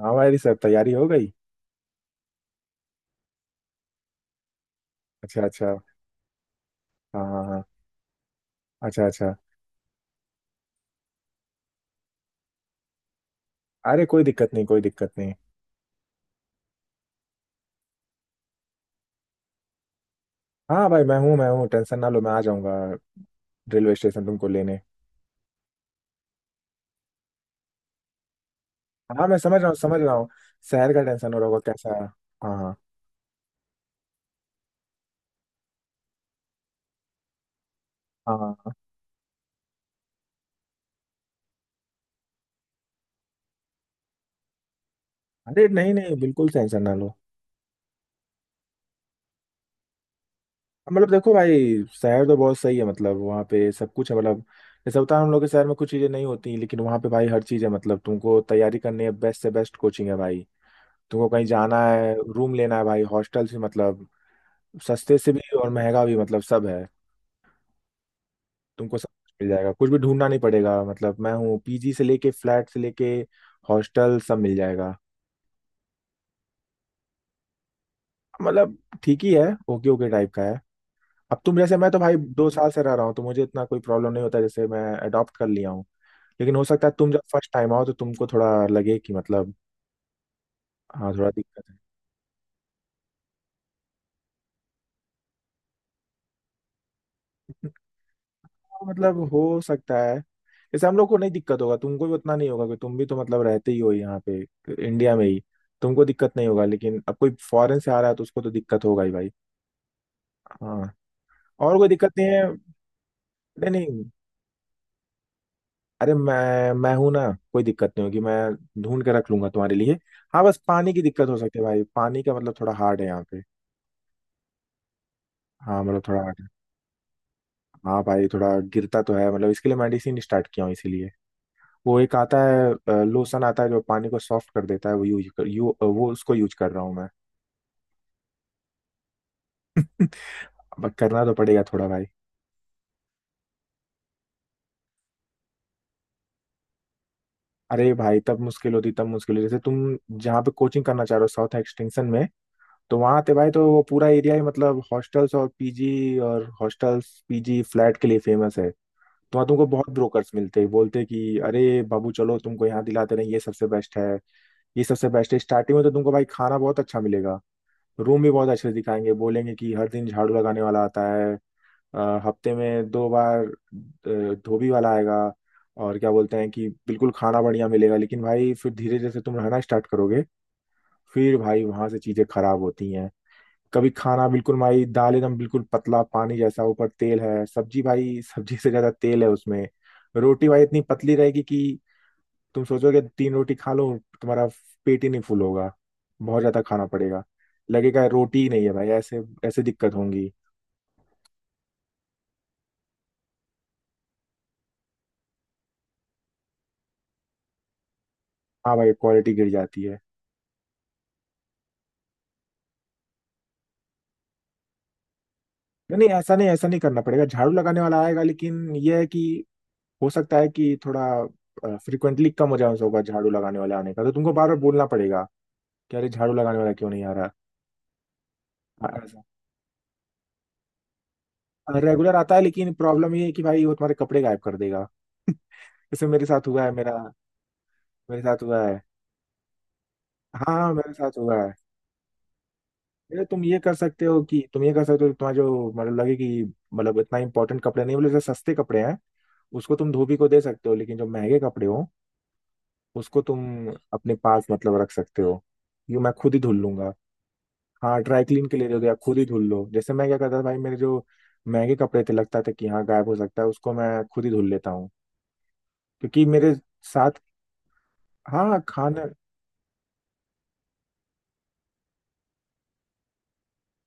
हाँ भाई सर, तैयारी हो गई। अच्छा, अच्छा। हाँ, हाँ, हाँ। अच्छा, अच्छा। अरे कोई दिक्कत नहीं, कोई दिक्कत नहीं। हाँ भाई, मैं हूँ, मैं हूँ, टेंशन ना लो, मैं आ जाऊंगा रेलवे स्टेशन तुमको लेने। हाँ, मैं समझ रहा हूँ, समझ रहा हूँ। शहर का टेंशन हो रहा होगा, कैसा है। हाँ, हाँ। हाँ, हाँ। हाँ। अरे नहीं, नहीं, बिल्कुल टेंशन ना लो। मतलब देखो भाई, शहर तो बहुत सही है, मतलब वहाँ पे सब कुछ है। मतलब जैसे होता है हम लोग के शहर में कुछ चीज़ें नहीं होती, लेकिन वहाँ पे भाई हर चीज़ है। मतलब तुमको तैयारी करनी है, बेस्ट से बेस्ट कोचिंग है भाई। तुमको कहीं जाना है, रूम लेना है भाई, हॉस्टल से, मतलब सस्ते से भी और महंगा भी, मतलब सब है। तुमको सब कुछ मिल जाएगा, कुछ भी ढूंढना नहीं पड़ेगा। मतलब मैं हूँ, पीजी से लेके फ्लैट से लेके हॉस्टल, सब मिल जाएगा। मतलब ठीक ही है, ओके ओके टाइप का है। अब तुम जैसे, मैं तो भाई 2 साल से रह रहा हूँ, तो मुझे इतना कोई प्रॉब्लम नहीं होता, जैसे मैं अडॉप्ट कर लिया हूँ। लेकिन हो सकता है तुम जब फर्स्ट टाइम आओ, तो तुमको थोड़ा लगे कि मतलब हाँ, थोड़ा दिक्कत है। हाँ, मतलब हो सकता है। जैसे हम लोग को नहीं दिक्कत होगा, तुमको भी उतना नहीं होगा, कि तुम भी तो मतलब रहते ही हो यहाँ पे, इंडिया में ही। तुमको दिक्कत नहीं होगा, लेकिन अब कोई फॉरेन से आ रहा है तो उसको तो दिक्कत होगा ही भाई। हाँ, और कोई दिक्कत नहीं है। नहीं, नहीं। अरे मैं हूं ना, कोई दिक्कत नहीं होगी, मैं ढूंढ के रख लूंगा तुम्हारे लिए। हाँ, बस पानी की दिक्कत हो सकती है भाई, पानी का मतलब थोड़ा हार्ड है यहाँ पे। हाँ, मतलब थोड़ा हार्ड है। हाँ भाई, थोड़ा गिरता तो है, मतलब इसके लिए मेडिसिन स्टार्ट किया हूँ इसीलिए। वो एक आता है, लोशन आता है जो पानी को सॉफ्ट कर देता है, वो यूज कर यू अ, वो उसको यूज कर रहा हूँ मैं। अब करना तो पड़ेगा थोड़ा भाई। अरे भाई, तब मुश्किल होती, तब मुश्किल होती, जैसे तुम जहाँ पे कोचिंग करना चाह रहे हो, साउथ एक्सटेंशन में। तो वहाँ आते भाई तो वो पूरा एरिया ही मतलब हॉस्टल्स और पीजी, और हॉस्टल्स, पीजी, फ्लैट के लिए फेमस है। तो वहाँ तुमको बहुत ब्रोकर्स मिलते हैं, बोलते हैं कि अरे बाबू चलो, तुमको यहाँ दिलाते रहे, ये सबसे बेस्ट है, ये सबसे बेस्ट है। स्टार्टिंग में तो तुमको भाई खाना बहुत अच्छा मिलेगा। रूम भी बहुत अच्छे से दिखाएंगे, बोलेंगे कि हर दिन झाड़ू लगाने वाला आता है, अ, हफ्ते में दो बार, धोबी वाला आएगा। और क्या बोलते हैं कि बिल्कुल खाना बढ़िया मिलेगा। लेकिन भाई फिर धीरे धीरे से तुम रहना स्टार्ट करोगे, फिर भाई वहां से चीजें खराब होती हैं। कभी खाना बिल्कुल भाई, दाल एकदम बिल्कुल पतला पानी जैसा, ऊपर तेल है, सब्जी भाई, सब्जी से ज्यादा तेल है उसमें। रोटी भाई इतनी पतली रहेगी कि तुम सोचोगे तीन रोटी खा लो, तुम्हारा पेट ही नहीं फुल होगा, बहुत ज्यादा खाना पड़ेगा। लगेगा रोटी ही नहीं है भाई, ऐसे ऐसे दिक्कत होंगी। हाँ भाई, क्वालिटी गिर जाती है। नहीं, नहीं, ऐसा नहीं, ऐसा नहीं करना पड़ेगा, झाड़ू लगाने वाला आएगा, लेकिन यह है कि हो सकता है कि थोड़ा फ्रिक्वेंटली कम हो जाए होगा झाड़ू लगाने वाले आने का, तो तुमको बार बार बोलना पड़ेगा कि अरे झाड़ू लगाने वाला क्यों नहीं आ रहा। हाँ, ऐसा रेगुलर आता है, लेकिन प्रॉब्लम ये है कि भाई वो तुम्हारे कपड़े गायब कर देगा। जैसे मेरे साथ हुआ है मेरा मेरे साथ हुआ है। हाँ, हाँ, मेरे साथ हुआ है। ये तुम ये कर सकते हो कि तुम ये कर सकते हो कि तुम्हारा जो मतलब लगे कि, मतलब इतना इंपॉर्टेंट कपड़े नहीं बोले, जैसे सस्ते कपड़े हैं, उसको तुम धोबी को दे सकते हो, लेकिन जो महंगे कपड़े हो, उसको तुम अपने पास मतलब रख सकते हो। यूँ मैं खुद ही धुल लूंगा। हाँ, ड्राई क्लीन के लिए दे दो, या खुद ही धुल लो। जैसे मैं क्या करता था भाई, मेरे जो महंगे कपड़े थे, लगता था कि हाँ गायब हो सकता है, उसको मैं खुद ही धुल लेता हूँ, क्योंकि मेरे साथ। हाँ, खाना।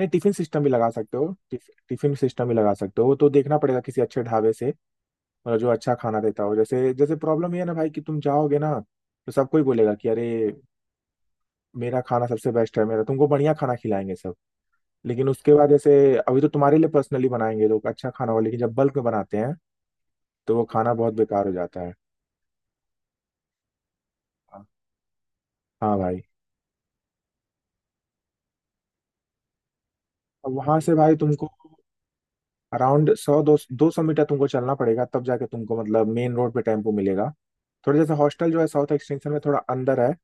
नहीं, टिफिन सिस्टम भी लगा सकते हो, टिफिन सिस्टम भी लगा सकते हो, वो तो देखना पड़ेगा किसी अच्छे ढाबे से। मतलब जो अच्छा खाना देता हो। जैसे जैसे प्रॉब्लम ये है ना भाई कि तुम जाओगे ना, तो सब कोई बोलेगा कि अरे मेरा खाना सबसे बेस्ट है, मेरा तुमको बढ़िया खाना खिलाएंगे सब। लेकिन उसके बाद जैसे, अभी तो तुम्हारे लिए पर्सनली बनाएंगे लोग अच्छा खाना हो, लेकिन जब बल्क में बनाते हैं तो वो खाना बहुत बेकार हो जाता है। हाँ भाई। अब वहां से भाई तुमको अराउंड सौ दो 200 मीटर तुमको चलना पड़ेगा, तब जाके तुमको मतलब मेन रोड पे टेम्पो मिलेगा। थोड़ा, जैसे हॉस्टल जो है साउथ एक्सटेंशन में, थोड़ा अंदर है।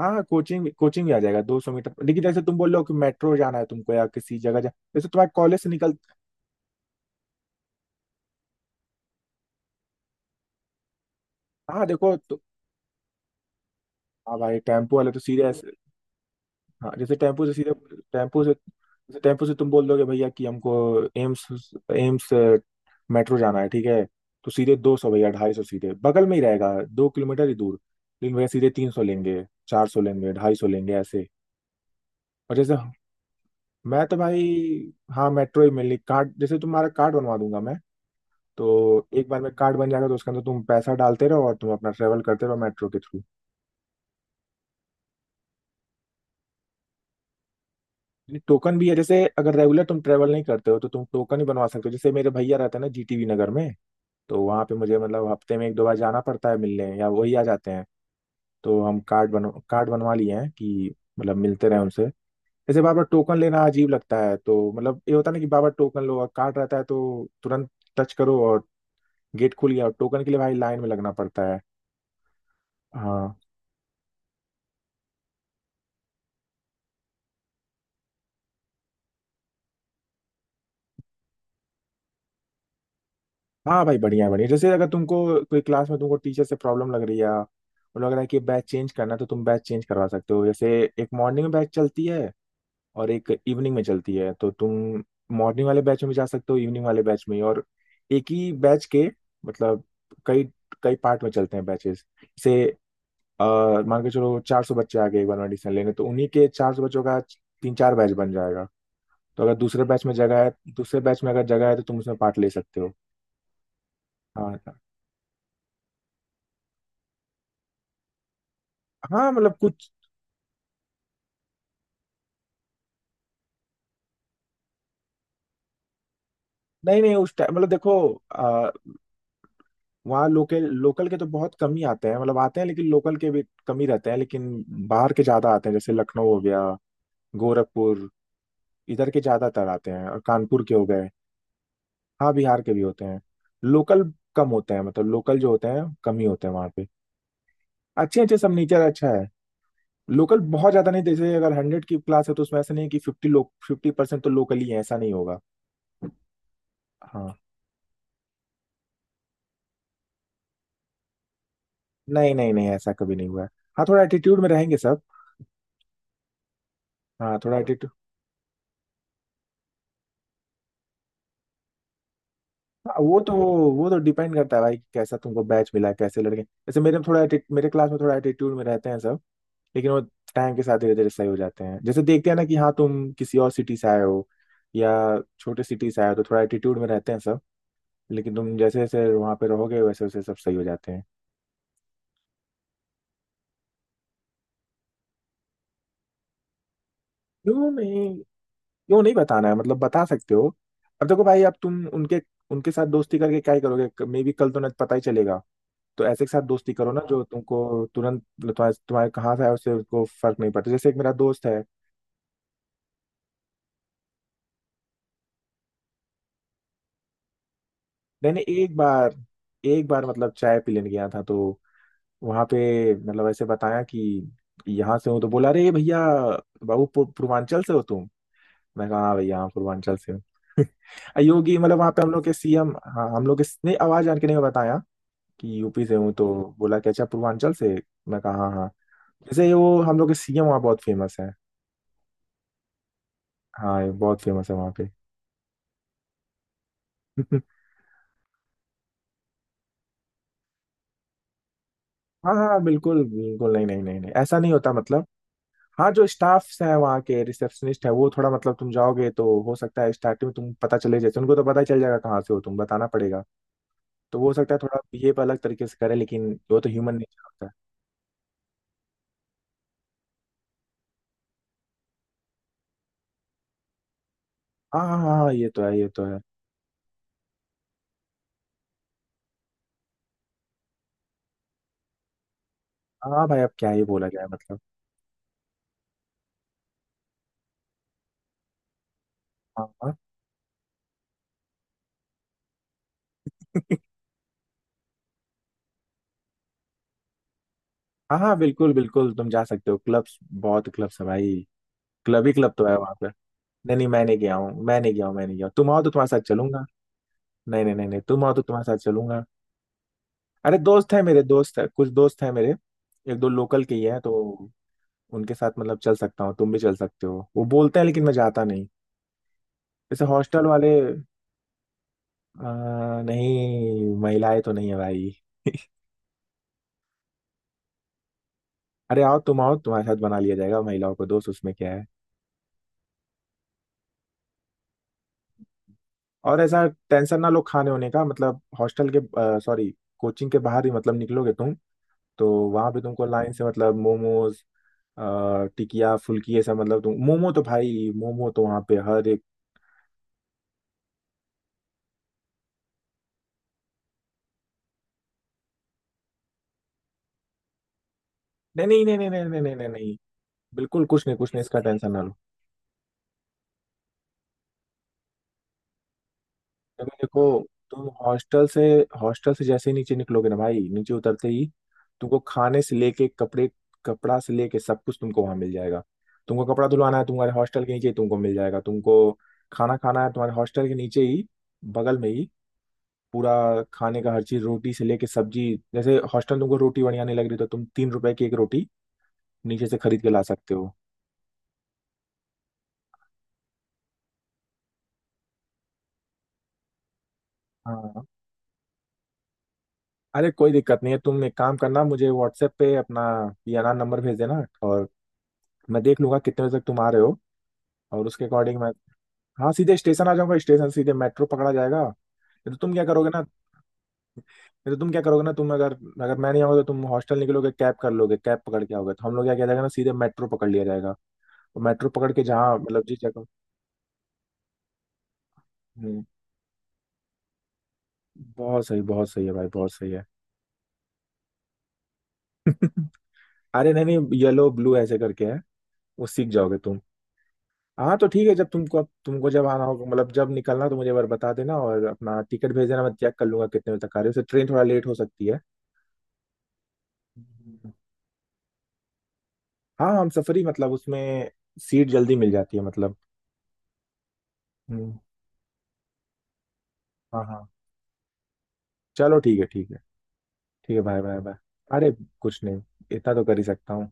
हाँ, हाँ, कोचिंग कोचिंग भी आ जाएगा 200 मीटर, लेकिन जैसे तुम बोल रहे हो कि मेट्रो जाना है तुमको, या किसी जगह जा, जैसे तुम्हारे कॉलेज से निकल। हाँ देखो तो। हाँ भाई, टेम्पो वाले तो सीधे ऐसे। हाँ, जैसे टेम्पो से सीधे, टेम्पो से, जैसे टेम्पो से तुम बोल दोगे भैया कि हमको एम्स एम्स मेट्रो जाना है, ठीक है। तो सीधे 200 भैया, 250, सीधे बगल में ही रहेगा, 2 किलोमीटर ही दूर। लेकिन भैया सीधे 300 लेंगे, 400 लेंगे, 250 लेंगे, ऐसे। और जैसे मैं तो भाई, हाँ मेट्रो ही मिली कार्ड, जैसे तुम्हारा कार्ड बनवा दूंगा मैं। तो एक बार में कार्ड बन जाएगा, तो उसके अंदर तुम पैसा डालते रहो और तुम अपना ट्रेवल करते रहो मेट्रो के थ्रू। टोकन भी है, जैसे अगर रेगुलर तुम ट्रेवल नहीं करते हो तो तुम टोकन ही बनवा सकते हो। जैसे मेरे भैया रहते हैं ना, जीटीवी नगर में, तो वहाँ पे मुझे मतलब हफ्ते में एक दो बार जाना पड़ता है मिलने, या वही आ जाते हैं। तो हम कार्ड बनवा लिए हैं कि मतलब मिलते रहे उनसे। जैसे बार बार टोकन लेना अजीब लगता है, तो मतलब ये होता है ना कि बार बार टोकन लो, और कार्ड रहता है तो तुरंत टच करो और गेट खुल गया, और टोकन के लिए भाई लाइन में लगना पड़ता है। हाँ। हाँ भाई, बढ़िया, बढ़िया। जैसे अगर तुमको कोई क्लास में तुमको टीचर से प्रॉब्लम लग रही है और लग रहा है कि बैच चेंज करना है, तो तुम बैच चेंज करवा सकते हो। जैसे एक मॉर्निंग में बैच चलती है और एक इवनिंग में चलती है, तो तुम मॉर्निंग वाले बैच में भी जा सकते हो, इवनिंग वाले बैच में भी। और एक ही बैच के मतलब कई कई पार्ट में चलते हैं बैचेस, जैसे अ, मान के चलो 400 बच्चे आ गए एक बार में एडमिशन लेने, तो उन्हीं के 400 बच्चों का तीन चार बैच बन जाएगा। तो अगर दूसरे बैच में जगह है, दूसरे बैच में अगर जगह है, तो तुम उसमें पार्ट ले सकते हो। हाँ। हाँ मतलब कुछ। नहीं, नहीं, उस टाइम मतलब देखो, आ, वहाँ लोकल लोकल के तो बहुत कम ही आते हैं, मतलब आते हैं लेकिन लोकल के भी कम ही रहते हैं, लेकिन बाहर के ज्यादा आते हैं, जैसे लखनऊ हो गया, गोरखपुर, इधर के ज्यादातर आते हैं, और कानपुर के हो गए। हाँ, बिहार के भी होते हैं। लोकल कम होते हैं, मतलब लोकल जो होते हैं कम ही होते हैं वहाँ पे। अच्छे अच्छे सब, नेचर अच्छा है। लोकल बहुत ज्यादा नहीं, जैसे अगर 100 की क्लास है तो उसमें ऐसा नहीं है कि 50 लोग, 50% तो लोकल ही है, ऐसा नहीं होगा। हाँ। नहीं, नहीं, नहीं, ऐसा कभी नहीं हुआ है। हाँ, थोड़ा एटीट्यूड में रहेंगे सब। हाँ, थोड़ा एटीट्यूड। हाँ, वो तो डिपेंड करता है भाई कि कैसा तुमको बैच मिला है, कैसे लड़के, जैसे मेरे में थोड़ा मेरे क्लास में थोड़ा एटीट्यूड में रहते हैं सब। लेकिन वो टाइम के साथ धीरे धीरे सही हो जाते हैं। जैसे देखते हैं ना कि हाँ, तुम किसी और सिटी से आए हो या छोटे सिटी से आए हो, तो थोड़ा एटीट्यूड में रहते हैं सब। लेकिन तुम जैसे जैसे वहाँ पे रहोगे, वैसे वैसे सब सही हो जाते हैं। क्यों नहीं, क्यों नहीं बताना है, मतलब बता सकते हो। अब देखो भाई, अब तुम उनके उनके साथ दोस्ती करके क्या ही करोगे, मे बी कल तो न पता ही चलेगा। तो ऐसे के साथ दोस्ती करो ना जो तुमको तुरंत तुम्हारे तुम्हारे कहाँ से आया उससे, उसको फर्क नहीं पड़ता, जैसे एक मेरा दोस्त है। मैंने एक बार, मतलब चाय पी लेने गया था, तो वहां पे मतलब ऐसे बताया कि यहाँ से हूँ, तो बोला, अरे भैया बाबू पूर्वांचल से हो तुम। मैं कहा हाँ भैया, हाँ पूर्वांचल से हूँ। योगी, मतलब वहां पे हम लोग के सीएम। हाँ हम लोग के, नहीं, आवाज जान के नहीं बताया कि यूपी से हूँ तो बोला कि अच्छा पूर्वांचल से। मैं कहा हाँ हाँ। जैसे वो हम लोग के सीएम वहाँ बहुत फेमस है। हाँ ये बहुत फेमस है वहाँ पे। हाँ हाँ, बिल्कुल बिल्कुल, नहीं नहीं नहीं नहीं, ऐसा नहीं होता मतलब। हाँ, जो स्टाफ्स हैं वहाँ के, रिसेप्शनिस्ट है, वो थोड़ा मतलब तुम जाओगे तो हो सकता है स्टार्टिंग में तुम पता चले, जैसे उनको तो पता ही चल जाएगा कहाँ से हो तुम, बताना पड़ेगा। तो वो हो सकता है थोड़ा बिहेव अलग तरीके से करे, लेकिन वो तो ह्यूमन नेचर होता है। हाँ हाँ हाँ हाँ, ये तो है ये तो है। हाँ भाई, अब क्या ही बोला जाए मतलब। हाँ हाँ। हाँ हाँ, बिल्कुल बिल्कुल, तुम जा सकते हो, क्लब्स बहुत क्लब्स है भाई। क्लब ही क्लब तो है वहाँ पे। नहीं नहीं, मैं नहीं गया हूँ, मैं नहीं गया हूँ, मैं नहीं गया हूँ। तुम आओ तो तुम्हारे साथ चलूंगा। नहीं नहीं नहीं नहीं, तुम आओ तो तुम्हारे साथ चलूंगा। अरे दोस्त है मेरे, दोस्त है, कुछ दोस्त है मेरे। एक दो लोकल के ही हैं, तो उनके साथ मतलब चल सकता हूँ, तुम भी चल सकते हो, वो बोलते हैं, लेकिन मैं जाता नहीं। जैसे हॉस्टल वाले। नहीं महिलाएं तो नहीं है भाई। अरे आओ, तुम आओ, तुम्हारे साथ बना लिया जाएगा महिलाओं को दोस्त, उसमें क्या है। और ऐसा टेंशन ना लो खाने होने का, मतलब हॉस्टल के, सॉरी, कोचिंग के बाहर ही मतलब निकलोगे तुम, तो वहां पे तुमको लाइन से मतलब मोमोज, टिकिया, फुल्की, ऐसा मतलब। तुम मोमो तो भाई, मोमो तो वहां पे हर एक। नहीं नहीं नहीं नहीं नहीं नहीं नहीं नहीं नहीं, बिल्कुल कुछ नहीं कुछ नहीं, इसका टेंशन ना लो। देखो देखो, तुम हॉस्टल से जैसे ही नीचे निकलोगे ना भाई, नीचे उतरते ही तुमको खाने से लेके कपड़े, कपड़ा से लेके सब कुछ तुमको वहां मिल जाएगा। तुमको कपड़ा धुलवाना है, तुम्हारे हॉस्टल के नीचे ही तुमको मिल जाएगा। तुमको खाना खाना है, तुम्हारे हॉस्टल के नीचे ही, बगल में ही, पूरा खाने का हर चीज, रोटी से लेके सब्जी। जैसे हॉस्टल तुमको रोटी बढ़िया नहीं लग रही, तो तुम 3 रुपए की एक रोटी नीचे से खरीद के ला सकते हो। हाँ, अरे कोई दिक्कत नहीं है। तुम एक काम करना, मुझे व्हाट्सएप पे अपना याना नंबर भेज देना, और मैं देख लूंगा कितने बजे तक तुम आ रहे हो, और उसके अकॉर्डिंग मैं। हाँ, सीधे स्टेशन आ जाऊंगा, स्टेशन सीधे मेट्रो पकड़ा जाएगा, नहीं तो तुम क्या करोगे ना। नहीं तो तुम क्या करोगे ना तुम अगर, अगर मैं नहीं आऊंगा तो तुम हॉस्टल निकलोगे, कैब कर लोगे, कैब पकड़ के आओगे, तो हम लोग क्या किया जाएगा ना, सीधे मेट्रो पकड़ लिया जाएगा। और मेट्रो पकड़ के जहाँ मतलब जिस जगह। हम्म, बहुत सही, बहुत सही है भाई, बहुत सही है। अरे नहीं नहीं, येलो, ब्लू ऐसे करके है, वो सीख जाओगे। हाँ तो ठीक है, जब तुमको, जब आना होगा मतलब जब निकलना हो, तो मुझे एक बार बता देना, और अपना टिकट भेज देना, मैं चेक कर लूंगा कितने बजे तक आ रही है। वैसे ट्रेन थोड़ा लेट हो सकती है। हम्म। हाँ हम सफरी मतलब, उसमें सीट जल्दी मिल जाती है मतलब। हम्म, हाँ हाँ, चलो ठीक है ठीक है ठीक है, बाय बाय बाय। अरे कुछ नहीं, इतना तो कर ही सकता हूँ।